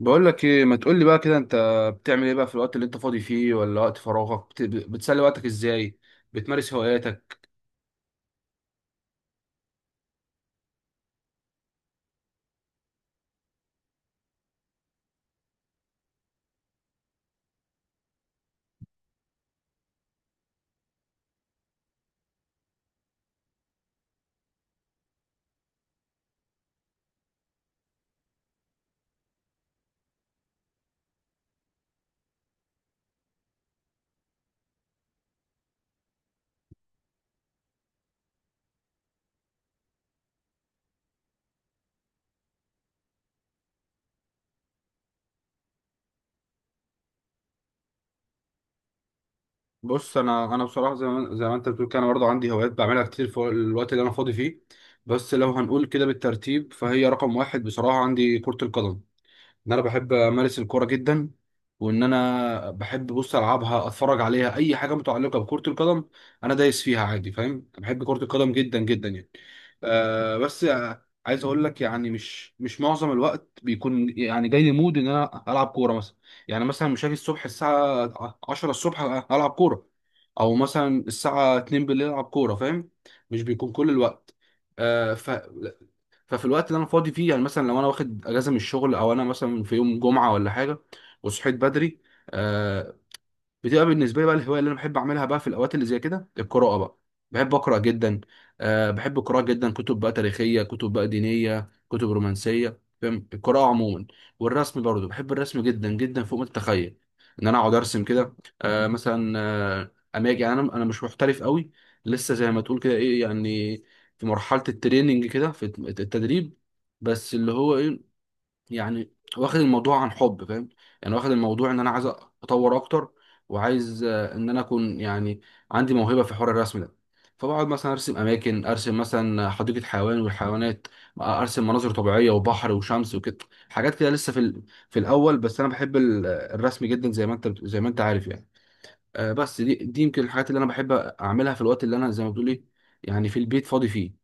بقول لك ايه؟ ما تقول لي بقى كده، انت بتعمل ايه بقى في الوقت اللي انت فاضي فيه، ولا وقت فراغك بتسلي وقتك ازاي؟ بتمارس هواياتك؟ بص، انا بصراحه زي ما زي ما انت بتقول كده، انا برضه عندي هوايات بعملها كتير في الوقت اللي انا فاضي فيه. بس لو هنقول كده بالترتيب، فهي رقم واحد بصراحه عندي كره القدم. ان انا بحب امارس الكوره جدا، وان انا بحب، بص، العبها، اتفرج عليها، اي حاجه متعلقه بكره القدم. انا دايس فيها عادي، فاهم. أنا بحب كره القدم جدا جدا يعني. آه بس آه، عايز اقول لك يعني مش معظم الوقت بيكون يعني جاي لي مود ان انا العب كوره مثلا. يعني مثلا مش هاجي الصبح الساعه 10 الصبح العب كوره، او مثلا الساعه 2 بالليل العب كوره، فاهم؟ مش بيكون كل الوقت. آه ففي الوقت اللي انا فاضي فيه، يعني مثلا لو انا واخد اجازه من الشغل، او انا مثلا في يوم جمعه ولا حاجه وصحيت بدري، آه، بتبقى بالنسبه لي بقى الهوايه اللي انا بحب اعملها بقى في الاوقات اللي زي كده القراءه بقى. بحب اقرا جدا. بحب القراءه جدا، كتب بقى تاريخيه، كتب بقى دينيه، كتب رومانسيه، فاهم، القراءه عموما. والرسم برضو، بحب الرسم جدا جدا فوق ما تتخيل ان انا اقعد ارسم كده. أه مثلا آه، اماجي يعني، انا مش محترف قوي، لسه زي ما تقول كده ايه يعني، في مرحله التريننج كده، في التدريب. بس اللي هو ايه، يعني واخد الموضوع عن حب، فاهم. يعني واخد الموضوع ان انا عايز اطور اكتر، وعايز ان انا اكون يعني عندي موهبه في حوار الرسم ده. فبقعد مثلا ارسم اماكن، ارسم مثلا حديقه حيوان والحيوانات، ارسم مناظر طبيعيه وبحر وشمس وكده، حاجات كده لسه في في الاول. بس انا بحب الرسم جدا، زي ما انت زي ما انت عارف يعني. بس دي يمكن الحاجات اللي انا بحب اعملها في الوقت اللي انا، زي ما بتقول ايه، يعني في البيت فاضي فيه.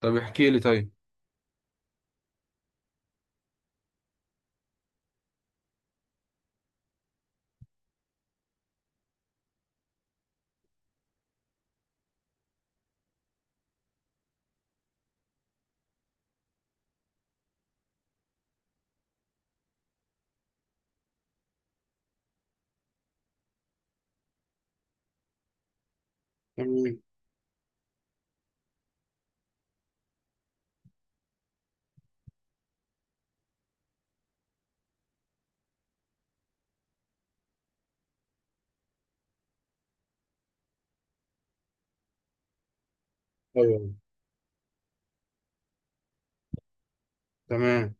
طب احكي لي طيب. تمام. ايوه. تمام.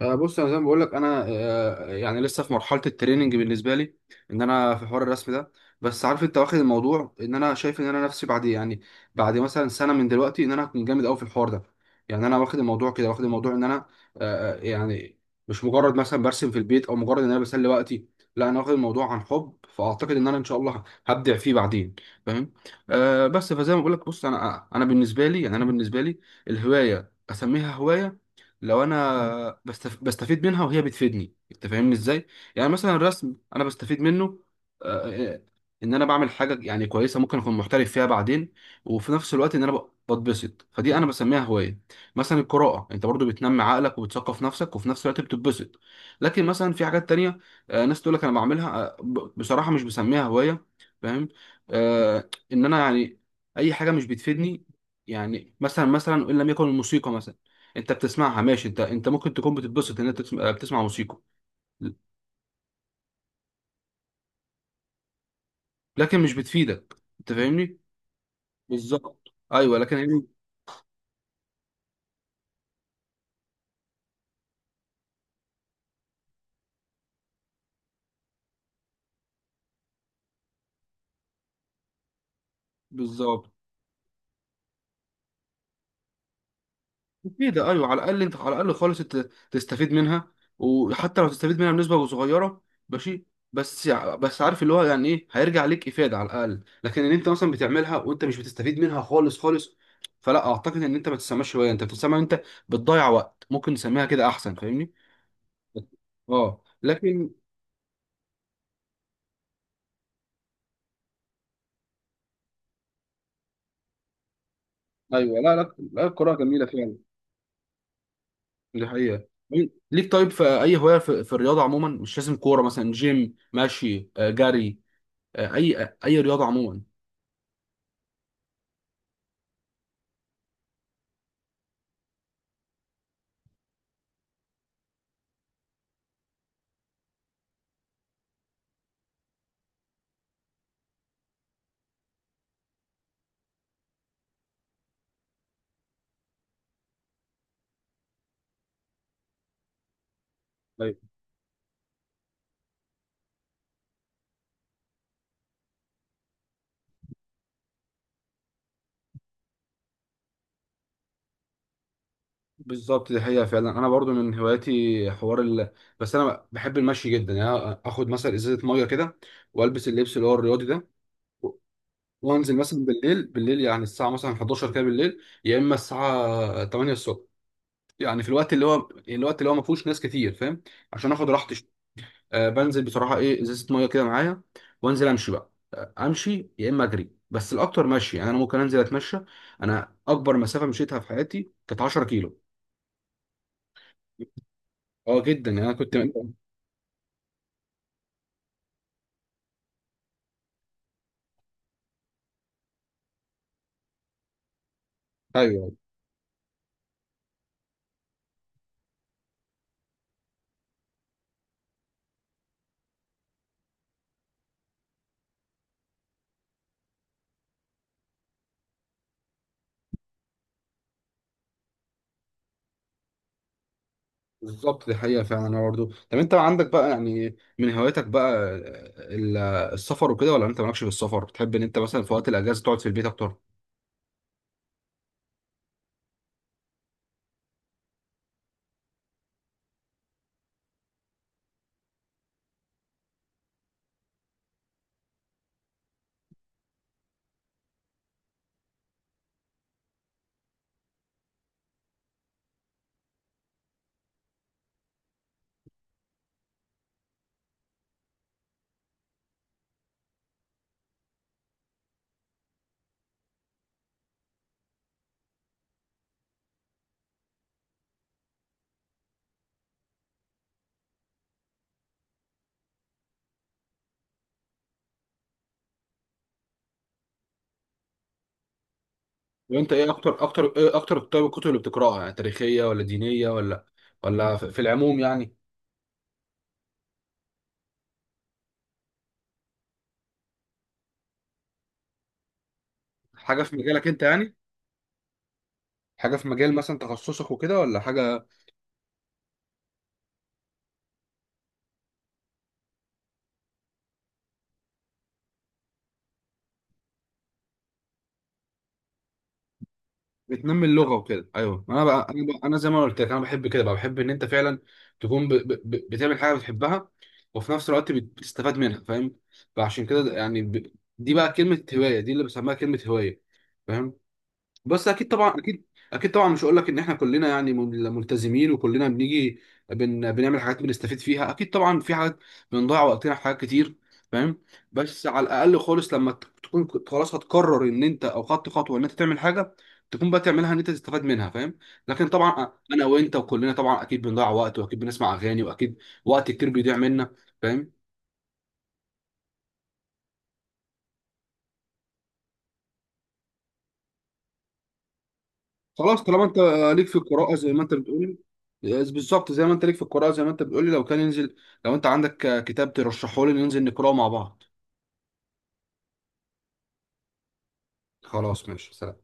بص، انا زي ما بقول لك انا، يعني لسه في مرحله التريننج بالنسبه لي، ان انا في حوار الرسم ده. بس عارف انت، واخد الموضوع ان انا شايف ان انا نفسي بعد يعني بعد مثلا سنه من دلوقتي ان انا هكون جامد قوي في الحوار ده. يعني انا واخد الموضوع كده، واخد الموضوع ان انا يعني مش مجرد مثلا برسم في البيت، او مجرد ان انا بسلي وقتي. لا، انا واخد الموضوع عن حب، فاعتقد ان انا ان شاء الله هبدع فيه بعدين، فاهم. آه بس فزي ما بقول لك، بص، انا بالنسبه لي يعني، انا بالنسبه لي الهوايه اسميها هوايه لو انا بستفيد منها وهي بتفيدني، انت فاهمني ازاي. يعني مثلا الرسم انا بستفيد منه. آه، آه، ان انا بعمل حاجه يعني كويسه، ممكن اكون محترف فيها بعدين، وفي نفس الوقت ان انا بتبسط، فدي انا بسميها هوايه. مثلا القراءه، انت برضو بتنمي عقلك وبتثقف نفسك، وفي نفس الوقت بتتبسط. لكن مثلا في حاجات تانية، ناس تقول لك انا بعملها، بصراحه مش بسميها هوايه، فاهم. ان انا يعني اي حاجه مش بتفيدني. يعني مثلا، مثلا، ان لم يكن الموسيقى مثلا، انت بتسمعها ماشي، انت ممكن تكون بتتبسط ان انت تسمع، بتسمع موسيقى، لكن مش بتفيدك، انت فاهمني. بالظبط، ايوه، لكن هي بالظبط. مفيدة، ايوه، على الاقل انت، على الاقل خالص انت تستفيد منها، وحتى لو تستفيد منها بنسبه صغيره ماشي. بس عارف، اللي هو يعني ايه هيرجع ليك افاده على الاقل. لكن ان انت مثلا بتعملها وانت مش بتستفيد منها خالص خالص، فلا اعتقد ان انت، ما تسمعش هوايه، انت بتسمع انت بتضيع وقت، ممكن نسميها كده احسن، فاهمني. اه لكن، ايوه، لا لا لا، الكوره جميله فعلا. دي حقيقه. ليك طيب في اي هوايه في, في الرياضه عموما، مش لازم كوره، مثلا جيم ماشي، جري، اي رياضه عموما؟ ايوه بالظبط، دي حقيقه فعلا. انا برضو من هواياتي حوار بس انا بحب المشي جدا. يعني أنا اخد مثلا ازازه ميه كده، والبس اللبس اللي هو الرياضي ده، و- وانزل مثلا بالليل يعني الساعه مثلا 11 كده بالليل، يا اما الساعه 8 الصبح. يعني في الوقت اللي هو، الوقت اللي هو ما فيهوش ناس كتير، فاهم، عشان اخد راحتي. بنزل بصراحه ايه، ازازه ميه كده معايا، وانزل امشي بقى، امشي يا اما اجري، بس الاكتر مشي يعني. انا ممكن انزل اتمشى. انا اكبر مسافه مشيتها في حياتي كانت 10 كيلو. اه جدا، يعني انا كنت. ايوه بالظبط، دي حقيقه فعلا. انا برضه، طب انت عندك بقى يعني من هواياتك بقى ال- السفر وكده، ولا انت مالكش في السفر، بتحب ان انت مثلا في وقت الاجازه تقعد في البيت اكتر؟ وانت ايه اكتر، اكتر ايه اكتر؟ طيب الكتب اللي بتقراها يعني، تاريخيه ولا دينيه، ولا ولا في، في العموم يعني؟ حاجه في مجالك انت يعني، حاجه في مجال مثلا تخصصك وكده، ولا حاجه؟ بتنمي اللغه وكده، ايوه. ما انا بقى، انا زي ما قلت لك، انا بحب كده بقى، بحب ان انت فعلا تكون بتعمل حاجه بتحبها، وفي نفس الوقت بتستفاد منها، فاهم. فعشان كده يعني دي بقى كلمه هوايه دي اللي بسميها كلمه هوايه، فاهم. بس اكيد طبعا، اكيد. اكيد طبعا مش هقول لك ان احنا كلنا يعني ملتزمين، وكلنا بنيجي بنعمل حاجات بنستفيد فيها. اكيد طبعا في حاجات بنضيع وقتنا في حاجات كتير، فاهم. بس على الاقل خالص، لما تكون كنت خلاص هتقرر ان انت، او خدت خطوه ان انت تعمل حاجه، تكون بقى تعملها ان انت تستفاد منها، فاهم. لكن طبعا انا وانت وكلنا طبعا، اكيد بنضيع وقت، واكيد بنسمع اغاني، واكيد وقت كتير بيضيع منا، فاهم. خلاص، طالما انت ليك في القراءة زي ما انت بتقولي، بالظبط، زي ما انت ليك في القراءة زي ما انت بتقولي، لو كان ينزل، لو انت عندك كتاب ترشحه لي ننزل نقراه مع بعض. خلاص ماشي، سلام.